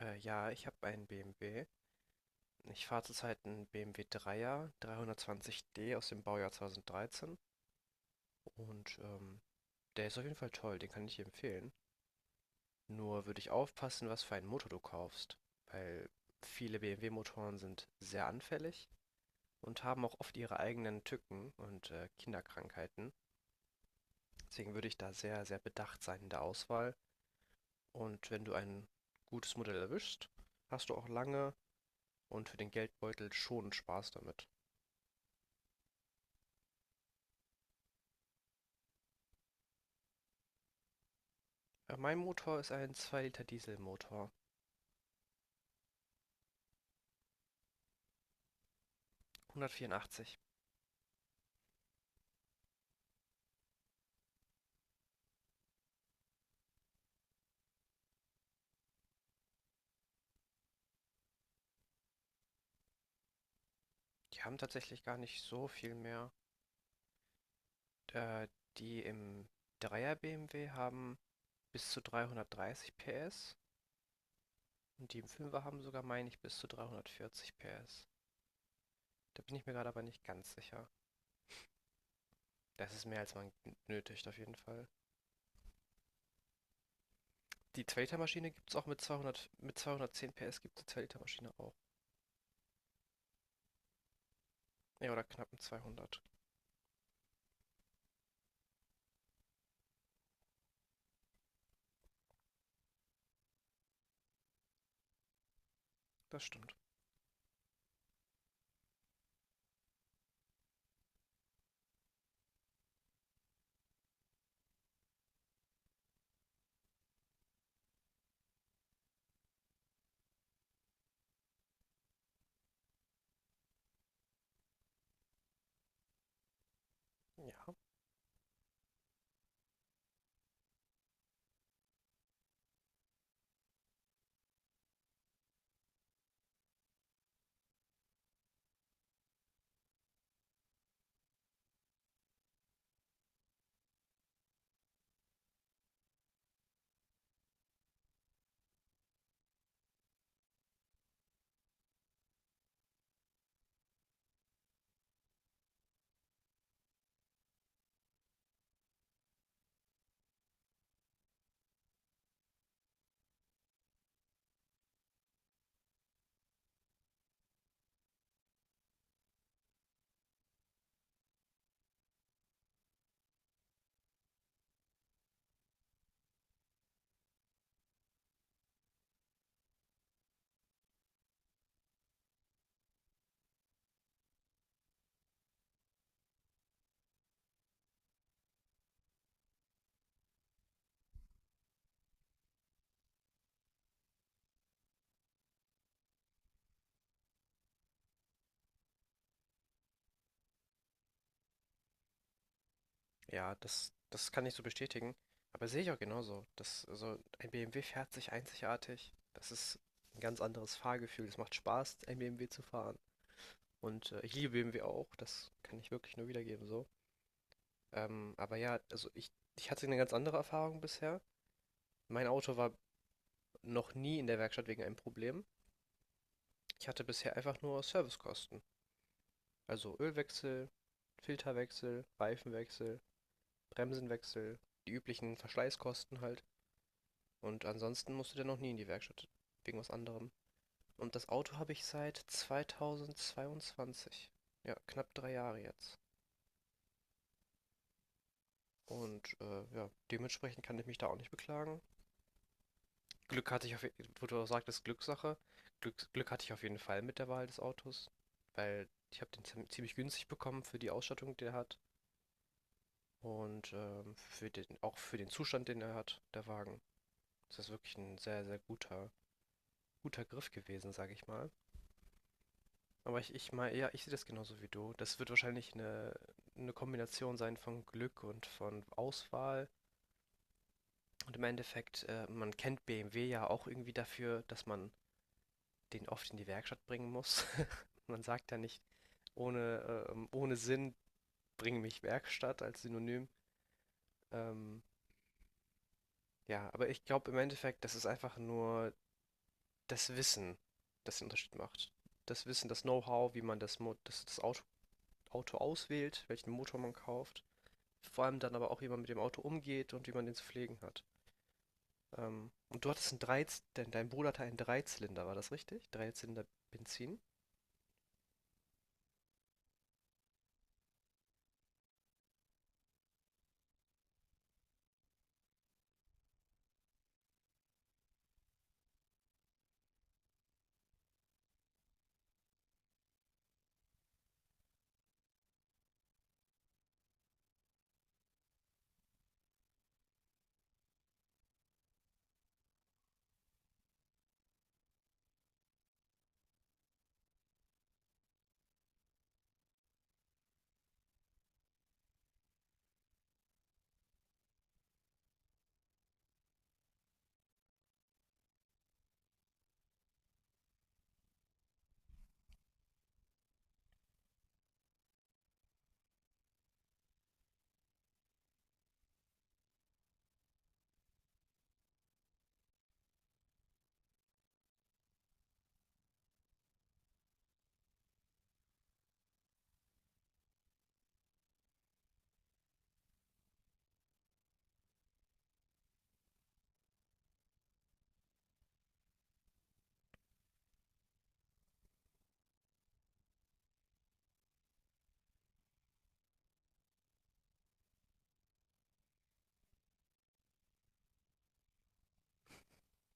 Ja, ich habe einen BMW. Ich fahre zurzeit einen BMW 3er, 320d aus dem Baujahr 2013. Und der ist auf jeden Fall toll, den kann ich dir empfehlen. Nur würde ich aufpassen, was für einen Motor du kaufst. Weil viele BMW-Motoren sind sehr anfällig und haben auch oft ihre eigenen Tücken und Kinderkrankheiten. Deswegen würde ich da sehr, sehr bedacht sein in der Auswahl. Und wenn du ein gutes Modell erwischst, hast du auch lange und für den Geldbeutel schon Spaß damit. Mein Motor ist ein 2 Liter Dieselmotor. 184. Die haben tatsächlich gar nicht so viel mehr. Äh, Die im 3er BMW haben bis zu 330 PS und die im Fünfer haben sogar, meine ich, bis zu 340 PS. Da bin ich mir gerade aber nicht ganz sicher. Das ist mehr, als man nötigt, auf jeden Fall. Die 2-Liter-Maschine gibt es auch mit 200, mit 210 PS gibt es die 2-Liter-Maschine auch. Ja, oder knappen 200. Das stimmt. Ja. Ja, das kann ich so bestätigen. Aber sehe ich auch genauso. Also ein BMW fährt sich einzigartig. Das ist ein ganz anderes Fahrgefühl. Es macht Spaß, ein BMW zu fahren. Und ich liebe BMW auch. Das kann ich wirklich nur wiedergeben so. Aber ja, also ich hatte eine ganz andere Erfahrung bisher. Mein Auto war noch nie in der Werkstatt wegen einem Problem. Ich hatte bisher einfach nur Servicekosten. Also Ölwechsel, Filterwechsel, Reifenwechsel, Bremsenwechsel, die üblichen Verschleißkosten halt. Und ansonsten musste der noch nie in die Werkstatt. Wegen was anderem. Und das Auto habe ich seit 2022. Ja, knapp 3 Jahre jetzt. Und ja, dementsprechend kann ich mich da auch nicht beklagen. Glück hatte ich auf, je- Wo du auch sagtest, Glückssache. Glück hatte ich auf jeden Fall mit der Wahl des Autos, weil ich habe den ziemlich günstig bekommen für die Ausstattung, die er hat und für auch für den Zustand, den er hat, der Wagen. Das ist wirklich ein sehr, sehr guter, Griff gewesen, sage ich mal. Aber ich meine, ja, ich sehe das genauso wie du. Das wird wahrscheinlich eine Kombination sein von Glück und von Auswahl. Und im Endeffekt, man kennt BMW ja auch irgendwie dafür, dass man den oft in die Werkstatt bringen muss. Man sagt ja nicht, ohne Sinn, bring mich Werkstatt als Synonym. Ähm, ja, aber ich glaube im Endeffekt, das ist einfach nur das Wissen, das den Unterschied macht. Das Wissen, das Know-how, wie man das Auto auswählt, welchen Motor man kauft. Vor allem dann aber auch, wie man mit dem Auto umgeht und wie man den zu pflegen hat. Und du hattest einen dein Bruder hatte einen Dreizylinder, war das richtig? Dreizylinder Benzin?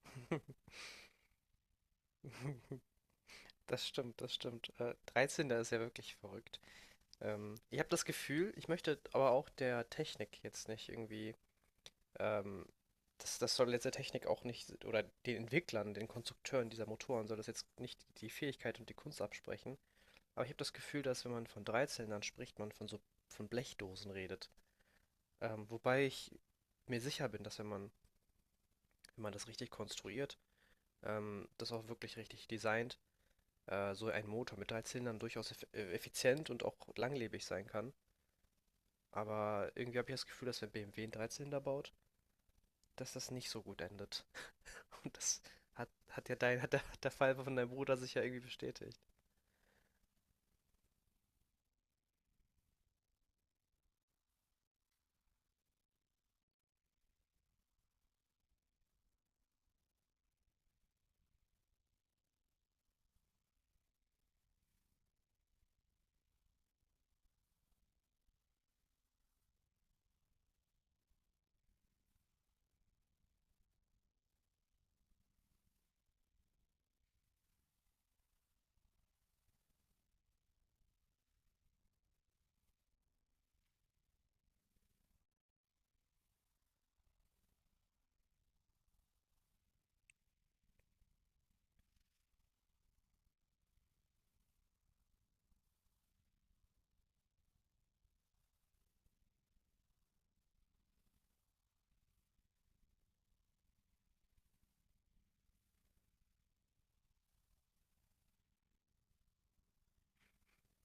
Das stimmt, das stimmt. 13, ist ja wirklich verrückt. Ich habe das Gefühl, ich möchte aber auch der Technik jetzt nicht irgendwie, ähm, das soll jetzt der Technik auch nicht, oder den Entwicklern, den Konstrukteuren dieser Motoren soll das jetzt nicht die Fähigkeit und die Kunst absprechen. Aber ich habe das Gefühl, dass wenn man von Dreizylindern spricht, man von so von Blechdosen redet. Wobei ich mir sicher bin, dass wenn man das richtig konstruiert, das auch wirklich richtig designt, so ein Motor mit drei Zylindern durchaus effizient und auch langlebig sein kann. Aber irgendwie habe ich das Gefühl, dass wenn BMW einen Dreizylinder baut, dass das nicht so gut endet. Und das hat ja dein, hat der Fall von deinem Bruder sich ja irgendwie bestätigt.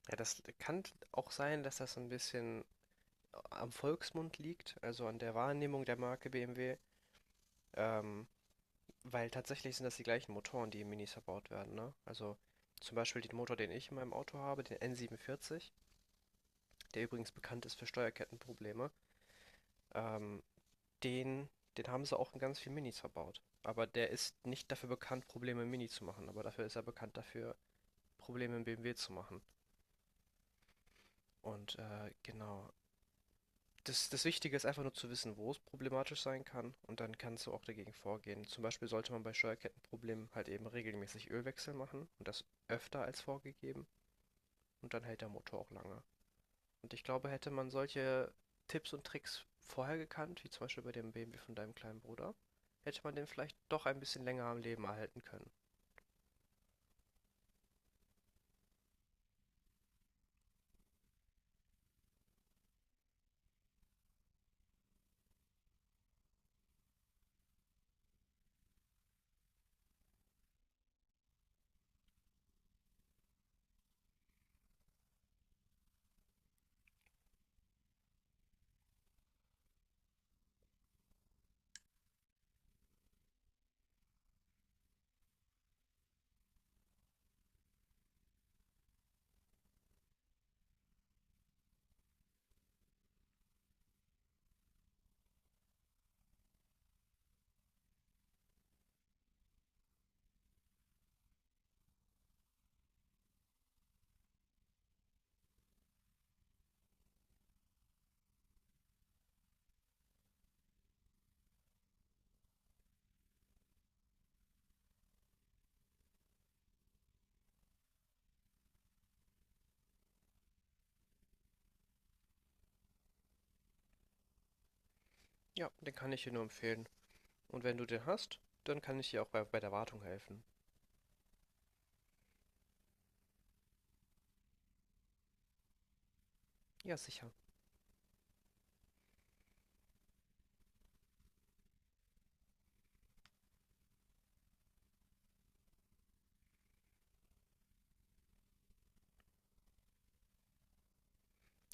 Ja, das kann auch sein, dass das ein bisschen am Volksmund liegt, also an der Wahrnehmung der Marke BMW. Ähm, Weil tatsächlich sind das die gleichen Motoren, die in Minis verbaut werden, ne? Also zum Beispiel den Motor, den ich in meinem Auto habe, den N47, der übrigens bekannt ist für Steuerkettenprobleme, ähm, den, den haben sie auch in ganz vielen Minis verbaut. Aber der ist nicht dafür bekannt, Probleme im Mini zu machen, aber dafür ist er bekannt dafür, Probleme im BMW zu machen. Und genau. Das Wichtige ist einfach nur zu wissen, wo es problematisch sein kann und dann kannst du auch dagegen vorgehen. Zum Beispiel sollte man bei Steuerkettenproblemen halt eben regelmäßig Ölwechsel machen und das öfter als vorgegeben. Und dann hält der Motor auch lange. Und ich glaube, hätte man solche Tipps und Tricks vorher gekannt, wie zum Beispiel bei dem BMW von deinem kleinen Bruder, hätte man den vielleicht doch ein bisschen länger am Leben erhalten können. Ja, den kann ich dir nur empfehlen. Und wenn du den hast, dann kann ich dir auch bei der Wartung helfen. Ja, sicher.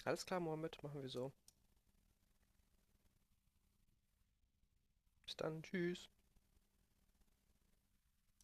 Alles klar, Mohammed, machen wir so. Bis dann, tschüss.